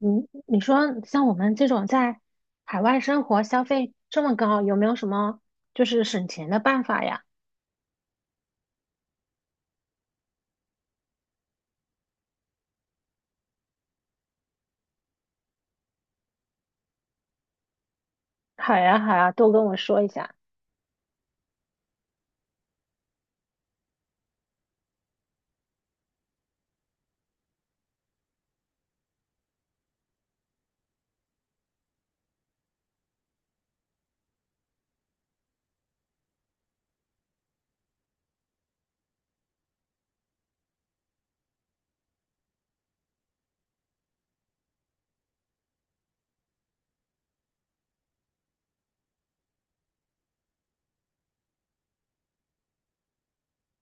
嗯，你说像我们这种在海外生活消费这么高，有没有什么就是省钱的办法呀？好呀，好呀，都跟我说一下。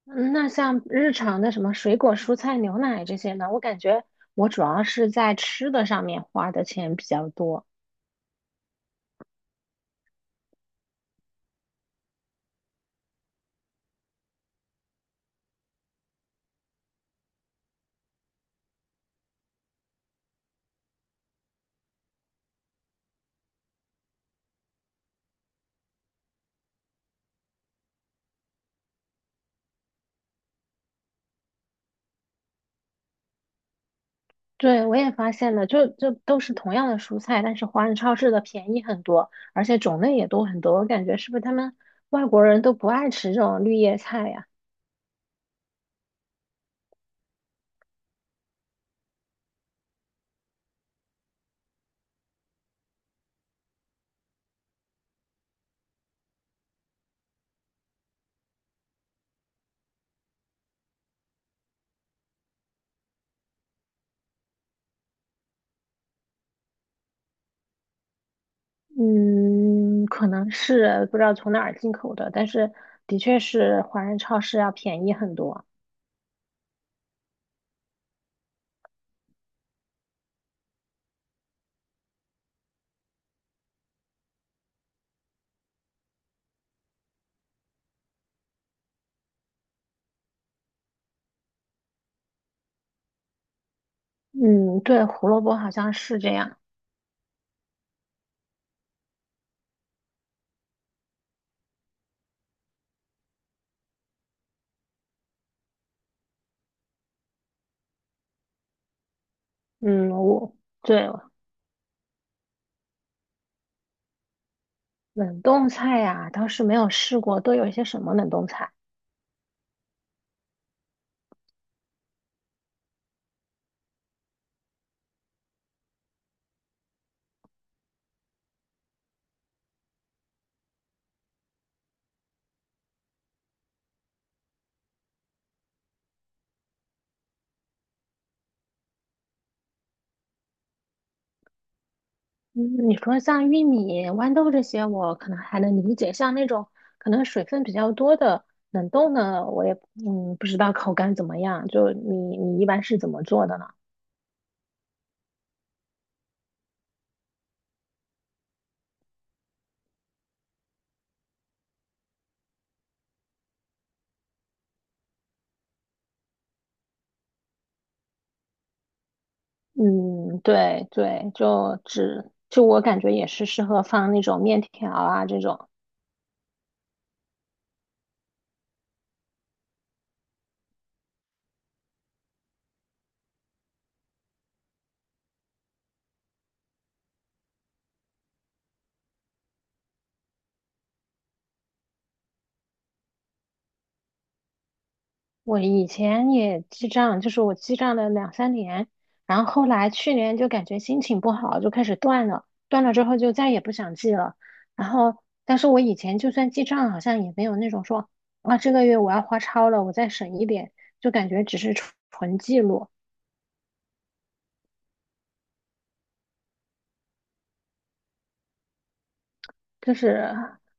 嗯那像日常的什么水果、蔬菜、牛奶这些呢？我感觉我主要是在吃的上面花的钱比较多。对，我也发现了，就都是同样的蔬菜，但是华人超市的便宜很多，而且种类也多很多。我感觉是不是他们外国人都不爱吃这种绿叶菜呀？嗯，可能是不知道从哪儿进口的，但是的确是华人超市要便宜很多。嗯，对，胡萝卜好像是这样。嗯，我对冷冻菜呀、倒是没有试过，都有一些什么冷冻菜？嗯，你说像玉米、豌豆这些，我可能还能理解，像那种可能水分比较多的冷冻的，我也不知道口感怎么样。就你一般是怎么做的呢？嗯，对对，就只就我感觉也是适合放那种面条啊这种。我以前也记账，就是我记账了两三年，然后后来去年就感觉心情不好，就开始断了，断了之后就再也不想记了。然后，但是我以前就算记账，好像也没有那种说啊这个月我要花超了，我再省一点，就感觉只是纯纯记录。就是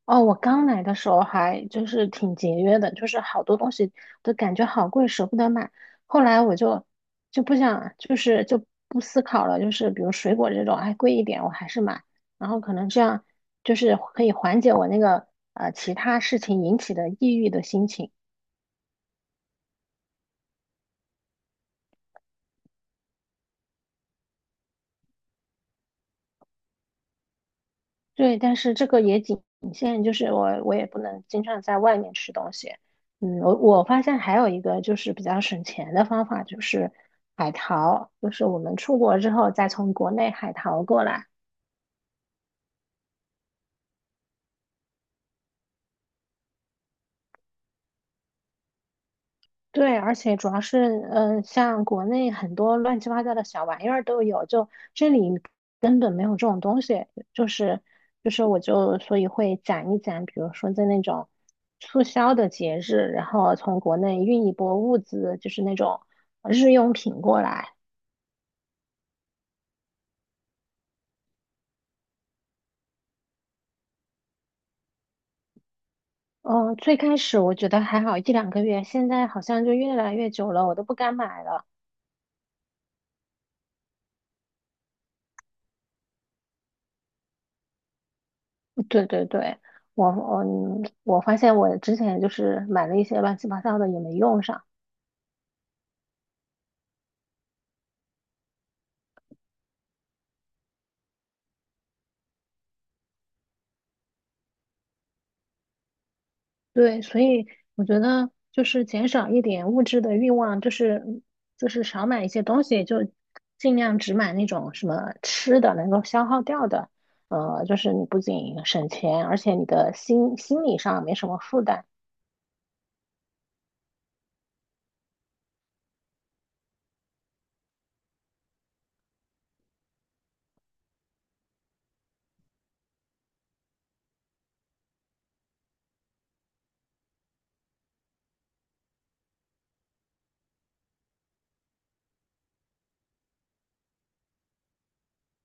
哦，我刚来的时候还就是挺节约的，就是好多东西都感觉好贵，舍不得买。后来我就不想，就是就不思考了，就是比如水果这种，哎，贵一点我还是买。然后可能这样就是可以缓解我那个其他事情引起的抑郁的心情。对，但是这个也仅限，就是我也不能经常在外面吃东西。嗯，我发现还有一个就是比较省钱的方法，就是海淘，就是我们出国之后再从国内海淘过来。对，而且主要是，像国内很多乱七八糟的小玩意儿都有，就这里根本没有这种东西，就是就是，我就所以会攒一攒，比如说在那种促销的节日，然后从国内运一波物资，就是那种日用品过来。嗯，最开始我觉得还好一两个月，现在好像就越来越久了，我都不敢买了。对对对，我我我发现我之前就是买了一些乱七八糟的也没用上。对，所以我觉得就是减少一点物质的欲望，就是少买一些东西，就尽量只买那种什么吃的能够消耗掉的。就是你不仅省钱，而且你的心理上没什么负担。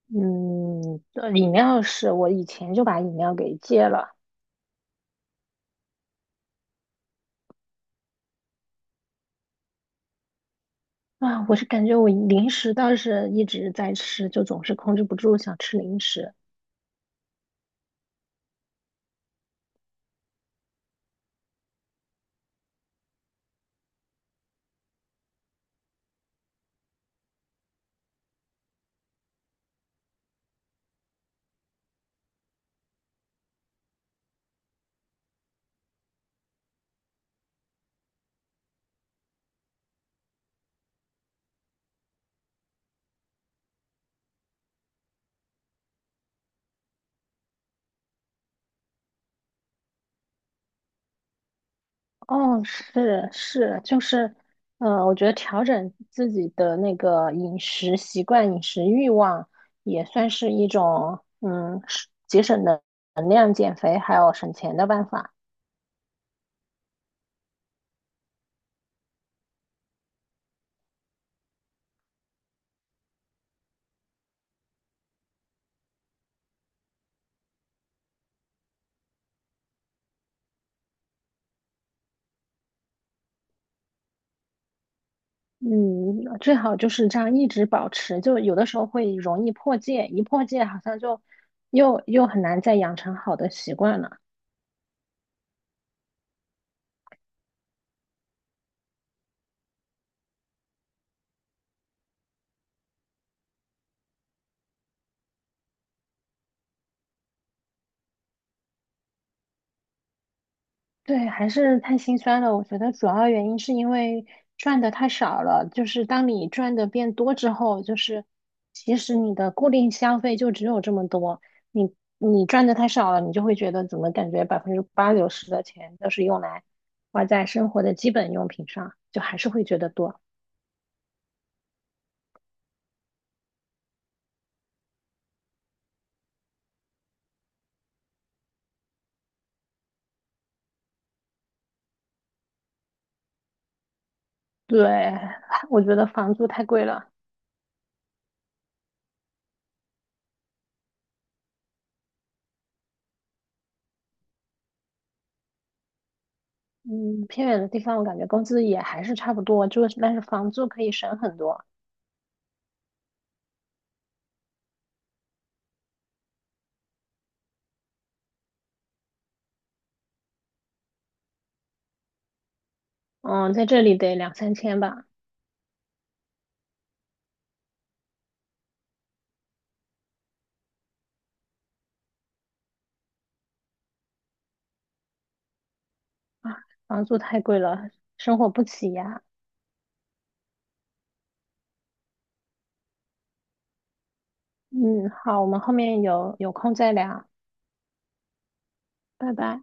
嗯，饮料是我以前就把饮料给戒了啊，我是感觉我零食倒是一直在吃，就总是控制不住想吃零食。哦，是是，就是，我觉得调整自己的那个饮食习惯、饮食欲望，也算是一种，是节省能量、减肥还有省钱的办法。嗯，最好就是这样一直保持，就有的时候会容易破戒，一破戒好像就又很难再养成好的习惯了。对，还是太心酸了。我觉得主要原因是因为赚的太少了，就是当你赚的变多之后，就是其实你的固定消费就只有这么多，你赚的太少了，你就会觉得怎么感觉百分之八九十的钱都是用来花在生活的基本用品上，就还是会觉得多。对，我觉得房租太贵了。嗯，偏远的地方我感觉工资也还是差不多，就是但是房租可以省很多。嗯，在这里得两三千吧。啊，房租太贵了，生活不起呀。嗯，好，我们后面有空再聊，拜拜。